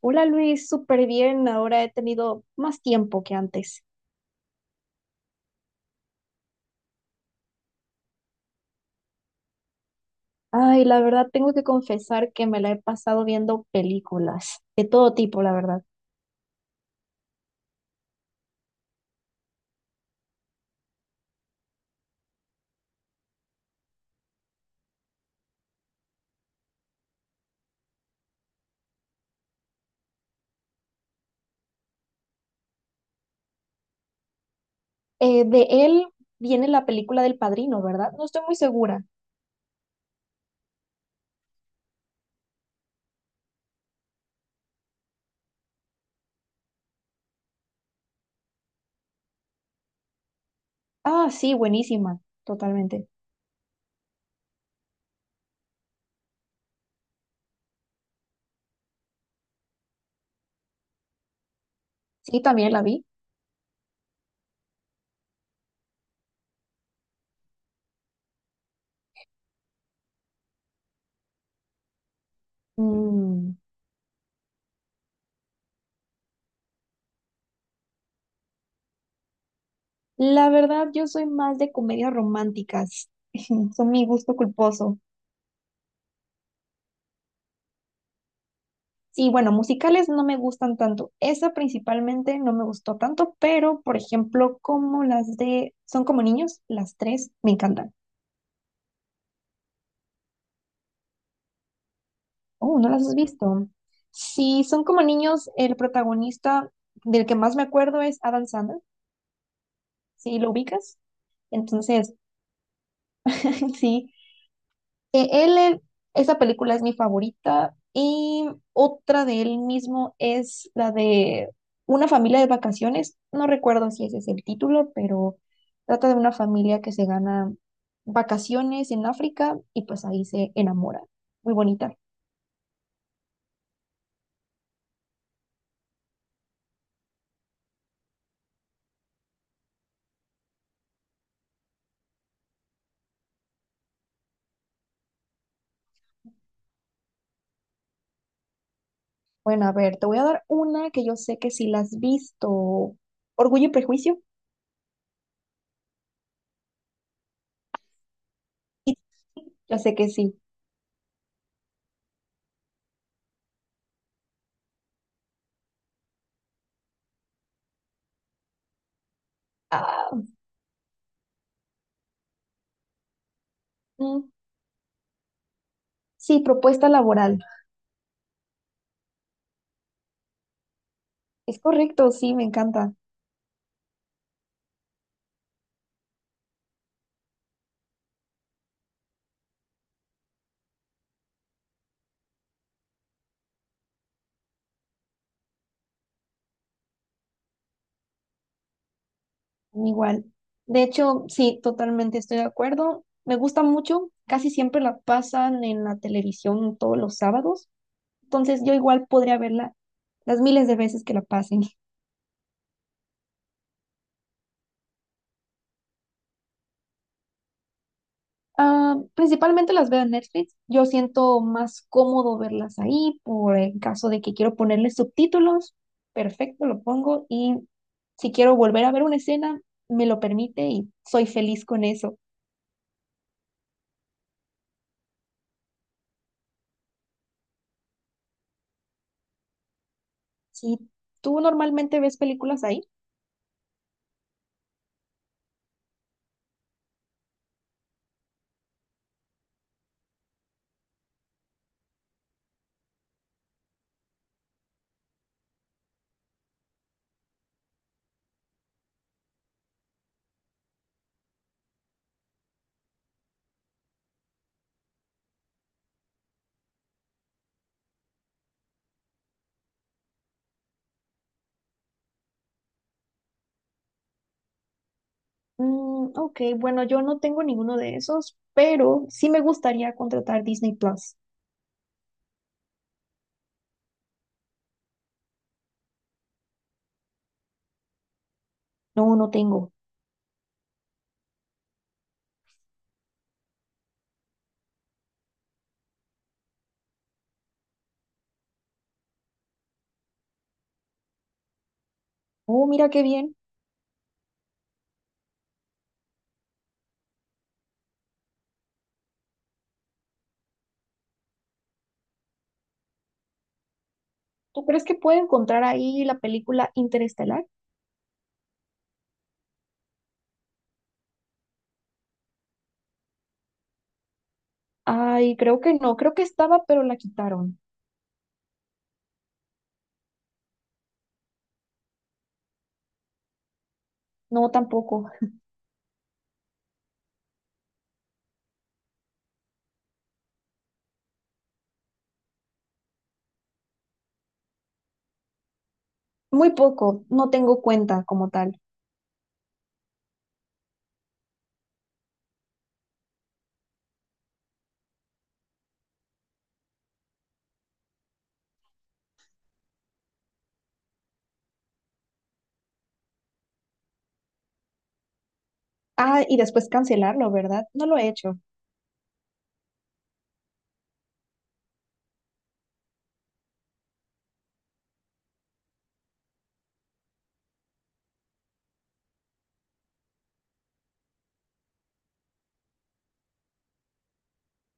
Hola Luis, súper bien. Ahora he tenido más tiempo que antes. Ay, la verdad tengo que confesar que me la he pasado viendo películas de todo tipo, la verdad. De él viene la película del Padrino, ¿verdad? No estoy muy segura. Ah, sí, buenísima, totalmente. Sí, también la vi. Mm, la verdad, yo soy más de comedias románticas. Son mi gusto culposo. Sí, bueno, musicales no me gustan tanto. Esa principalmente no me gustó tanto, pero por ejemplo, como las de Son como niños, las tres me encantan. Oh, ¿no las has visto? Sí, Son como niños, el protagonista del que más me acuerdo es Adam Sandler. Sí, ¿lo ubicas? Entonces, sí. Eh, él, eh, esa película es mi favorita y otra de él mismo es la de Una familia de vacaciones. No recuerdo si ese es el título, pero trata de una familia que se gana vacaciones en África y pues ahí se enamora. Muy bonita. Bueno, a ver, te voy a dar una que yo sé que si la has visto. Orgullo y Prejuicio. Sí, ya sé que sí. Ah, mm, sí, propuesta laboral. Es correcto, sí, me encanta. Igual. De hecho, sí, totalmente estoy de acuerdo. Me gusta mucho. Casi siempre la pasan en la televisión todos los sábados. Entonces yo igual podría verla las miles de veces que la pasen. Ah, principalmente las veo en Netflix. Yo siento más cómodo verlas ahí por el caso de que quiero ponerle subtítulos. Perfecto, lo pongo. Y si quiero volver a ver una escena, me lo permite y soy feliz con eso. Si tú normalmente ves películas ahí. Mm, ok, bueno, yo no tengo ninguno de esos, pero sí me gustaría contratar Disney Plus. No, no tengo. Oh, mira qué bien. ¿Tú crees que puedo encontrar ahí la película Interestelar? Ay, creo que no. Creo que estaba, pero la quitaron. No, tampoco. Muy poco. No tengo cuenta como tal. Ah, y después cancelarlo, ¿verdad? No lo he hecho.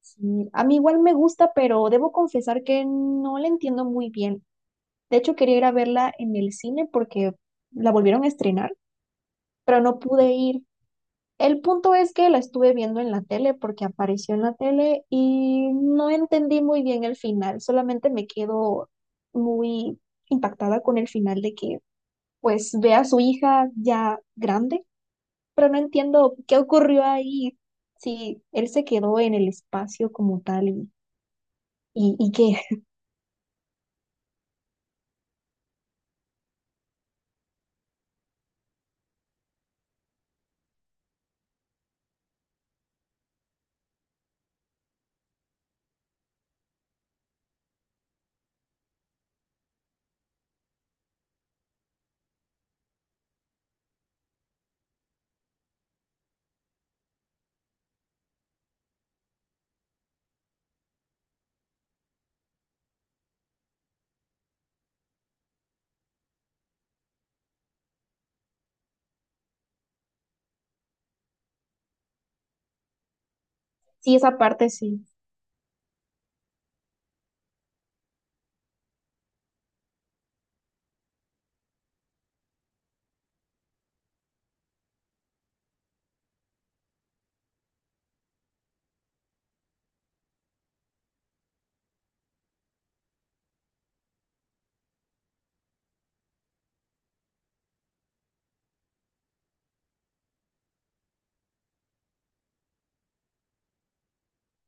Sí, a mí igual me gusta, pero debo confesar que no la entiendo muy bien. De hecho, quería ir a verla en el cine porque la volvieron a estrenar pero no pude ir. El punto es que la estuve viendo en la tele porque apareció en la tele y no entendí muy bien el final, solamente me quedo muy impactada con el final de que pues ve a su hija ya grande, pero no entiendo qué ocurrió ahí, si él se quedó en el espacio como tal y que sí, esa parte sí,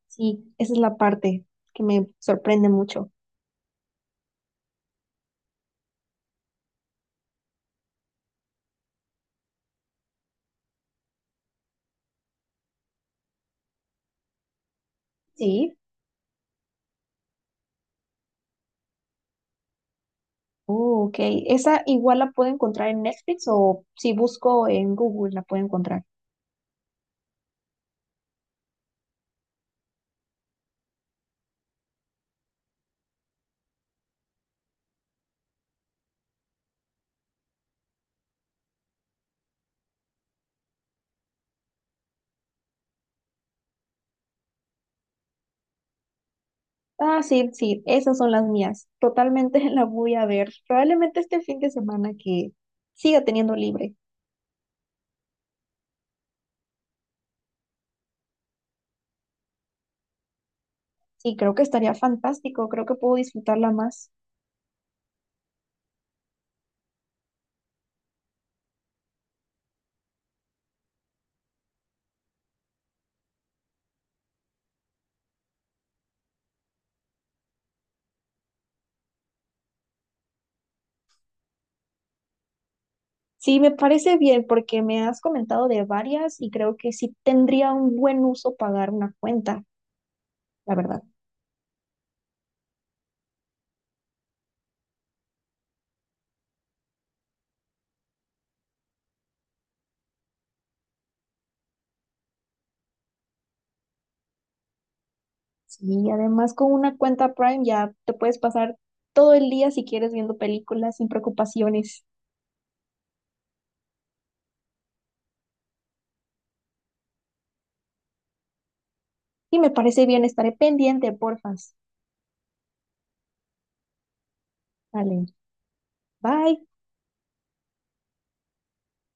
sí, esa es la parte que me sorprende mucho. Sí. Oh, ok. ¿Esa igual la puedo encontrar en Netflix o si busco en Google la puedo encontrar? Ah, sí, sí, esas son las mías. Totalmente la voy a ver. Probablemente este fin de semana que siga teniendo libre. Sí, creo que estaría fantástico. Creo que puedo disfrutarla más. Sí, me parece bien porque me has comentado de varias y creo que sí tendría un buen uso pagar una cuenta, la verdad. Sí, además con una cuenta Prime ya te puedes pasar todo el día si quieres viendo películas sin preocupaciones. Y me parece bien, estaré pendiente, porfas. Vale, bye.